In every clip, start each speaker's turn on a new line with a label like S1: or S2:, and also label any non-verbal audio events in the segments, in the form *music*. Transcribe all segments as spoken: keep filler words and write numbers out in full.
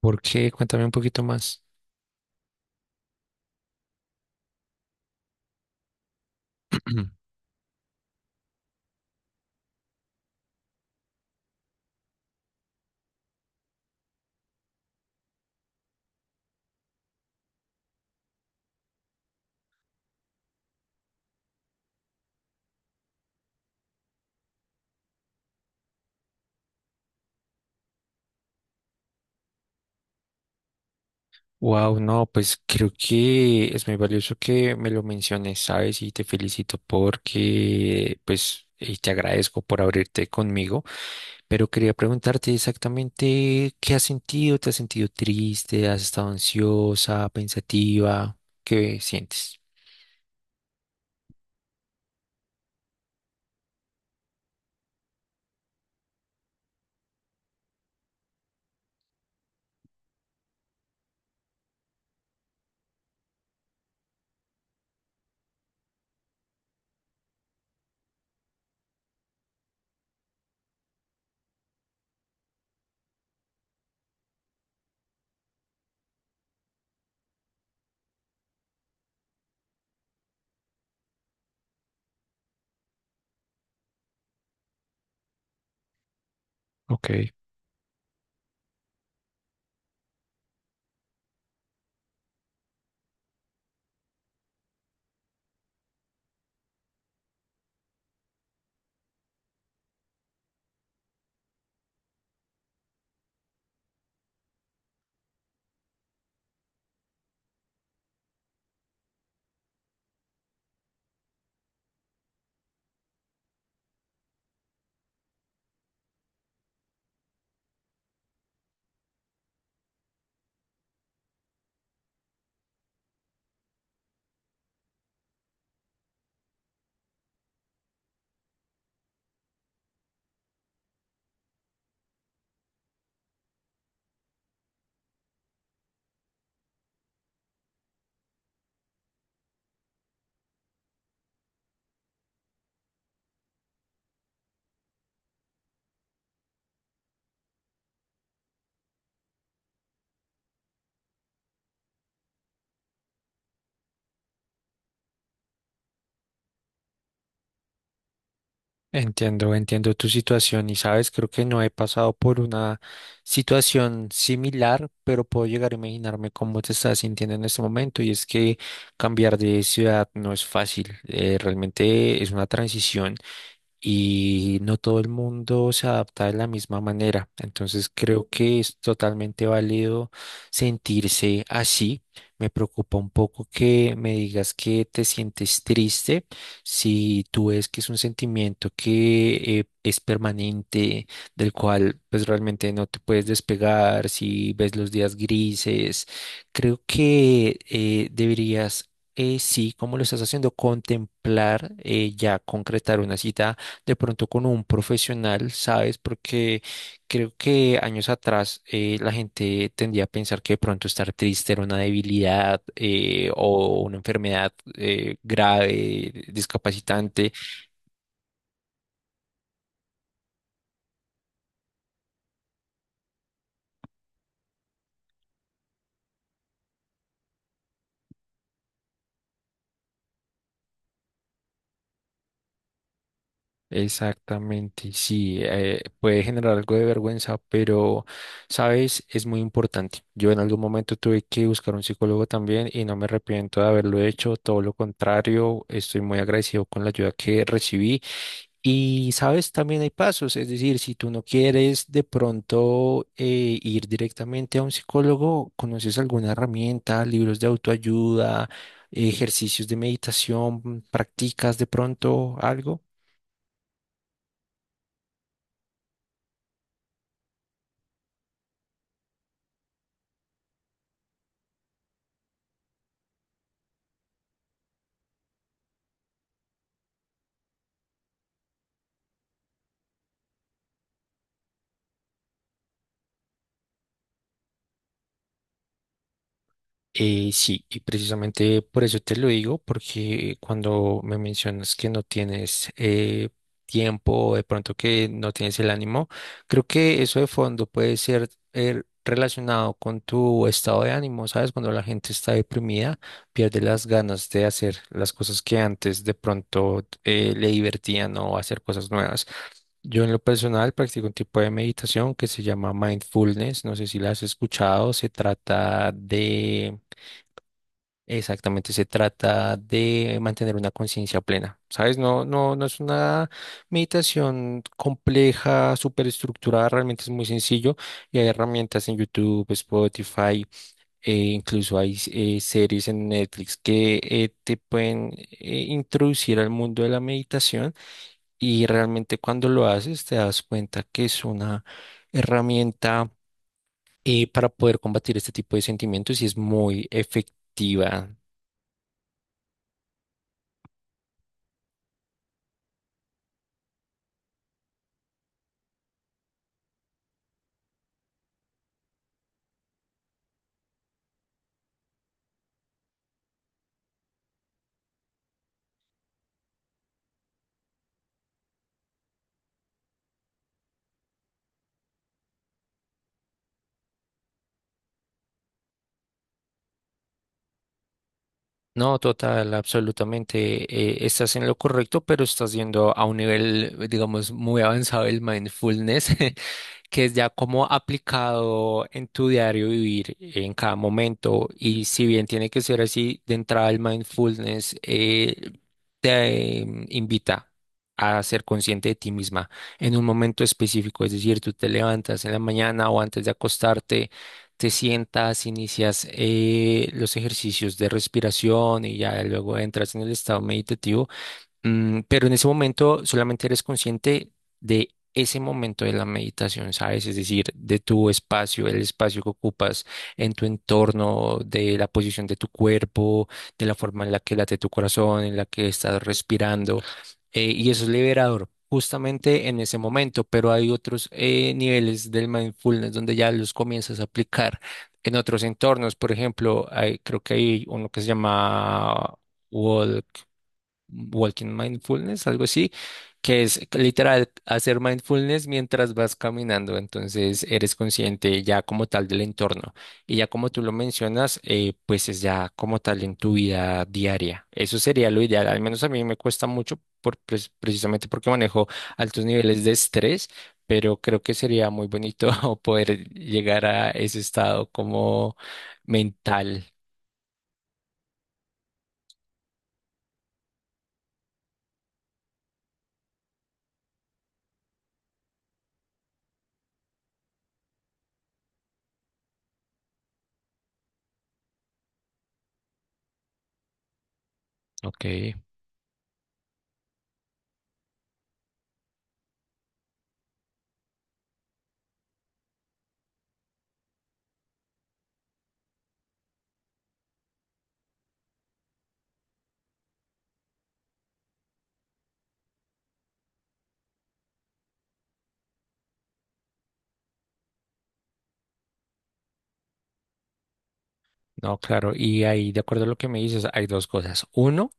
S1: ¿Por qué? Cuéntame un poquito más. *clears throat* Wow, no, pues creo que es muy valioso que me lo menciones, ¿sabes? Y te felicito porque, pues, y te agradezco por abrirte conmigo, pero quería preguntarte exactamente qué has sentido, ¿te has sentido triste? ¿Has estado ansiosa, pensativa? ¿Qué sientes? Ok. Entiendo, entiendo tu situación y sabes, creo que no he pasado por una situación similar, pero puedo llegar a imaginarme cómo te estás sintiendo en este momento y es que cambiar de ciudad no es fácil, eh, realmente es una transición y no todo el mundo se adapta de la misma manera. Entonces creo que es totalmente válido sentirse así. Me preocupa un poco que me digas que te sientes triste si tú ves que es un sentimiento que eh, es permanente, del cual pues realmente no te puedes despegar, si ves los días grises. Creo que eh, deberías... eh, sí, como lo estás haciendo, contemplar eh, ya concretar una cita de pronto con un profesional, ¿sabes? Porque creo que años atrás eh, la gente tendía a pensar que de pronto estar triste era una debilidad eh, o una enfermedad eh, grave, discapacitante. Exactamente, sí, eh, puede generar algo de vergüenza, pero, ¿sabes? Es muy importante. Yo en algún momento tuve que buscar un psicólogo también y no me arrepiento de haberlo hecho, todo lo contrario, estoy muy agradecido con la ayuda que recibí. Y sabes, también hay pasos, es decir, si tú no quieres de pronto eh, ir directamente a un psicólogo, conoces alguna herramienta, libros de autoayuda, ejercicios de meditación, practicas de pronto algo. Eh, sí, y precisamente por eso te lo digo, porque cuando me mencionas que no tienes eh, tiempo o de pronto que no tienes el ánimo, creo que eso de fondo puede ser eh, relacionado con tu estado de ánimo, ¿sabes? Cuando la gente está deprimida, pierde las ganas de hacer las cosas que antes de pronto eh, le divertían o hacer cosas nuevas. Yo en lo personal practico un tipo de meditación que se llama mindfulness, no sé si la has escuchado, se trata de Exactamente, se trata de mantener una conciencia plena, ¿sabes? No, no, no es una meditación compleja, súper estructurada, realmente es muy sencillo y hay herramientas en YouTube, Spotify, eh, incluso hay eh, series en Netflix que eh, te pueden eh, introducir al mundo de la meditación y realmente cuando lo haces te das cuenta que es una herramienta eh, para poder combatir este tipo de sentimientos y es muy efectiva. No, total, absolutamente. Eh, estás en lo correcto, pero estás yendo a un nivel, digamos, muy avanzado del mindfulness, *laughs* que es ya como aplicado en tu diario vivir en cada momento. Y si bien tiene que ser así, de entrada el mindfulness eh, te eh, invita. A ser consciente de ti misma en un momento específico, es decir, tú te levantas en la mañana o antes de acostarte, te sientas, inicias eh, los ejercicios de respiración y ya luego entras en el estado meditativo. Mm, pero en ese momento solamente eres consciente de ese momento de la meditación, ¿sabes? Es decir, de tu espacio, el espacio que ocupas en tu entorno, de la posición de tu cuerpo, de la forma en la que late tu corazón, en la que estás respirando. eh, y eso es liberador. Justamente en ese momento, pero hay otros eh, niveles del mindfulness donde ya los comienzas a aplicar en otros entornos. Por ejemplo, hay- creo que hay uno que se llama Walking Mindfulness, algo así, que es literal hacer mindfulness mientras vas caminando, entonces eres consciente ya como tal del entorno y ya como tú lo mencionas, eh, pues es ya como tal en tu vida diaria. Eso sería lo ideal, al menos a mí me cuesta mucho por, pres- precisamente porque manejo altos niveles de estrés, pero creo que sería muy bonito *laughs* poder llegar a ese estado como mental. Ok. No, claro, y ahí, de acuerdo a lo que me dices, hay dos cosas. Uno,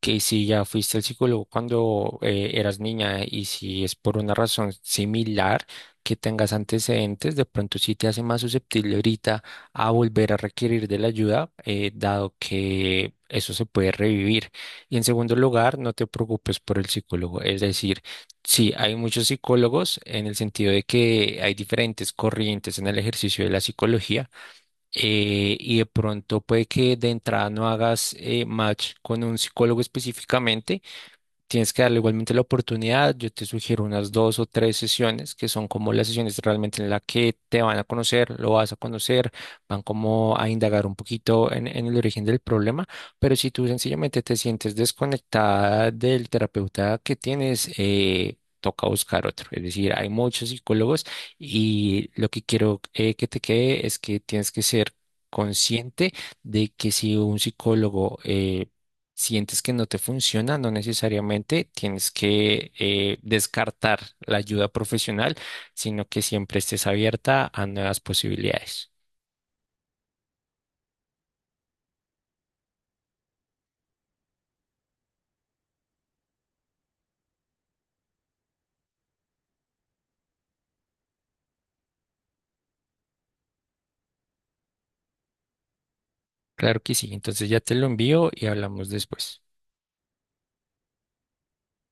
S1: que si ya fuiste al psicólogo cuando eh, eras niña y si es por una razón similar que tengas antecedentes, de pronto sí te hace más susceptible ahorita a volver a requerir de la ayuda, eh, dado que eso se puede revivir. Y en segundo lugar, no te preocupes por el psicólogo, es decir, sí, hay muchos psicólogos en el sentido de que hay diferentes corrientes en el ejercicio de la psicología eh, y de pronto puede que de entrada no hagas eh, match con un psicólogo específicamente. Tienes que darle igualmente la oportunidad. Yo te sugiero unas dos o tres sesiones que son como las sesiones realmente en las que te van a conocer, lo vas a conocer, van como a indagar un poquito en, en el origen del problema. Pero si tú sencillamente te sientes desconectada del terapeuta que tienes, eh, toca buscar otro. Es decir, hay muchos psicólogos y lo que quiero eh, que te quede es que tienes que ser consciente de que si un psicólogo eh, sientes que no te funciona, no necesariamente tienes que eh, descartar la ayuda profesional, sino que siempre estés abierta a nuevas posibilidades. Claro que sí, entonces ya te lo envío y hablamos después.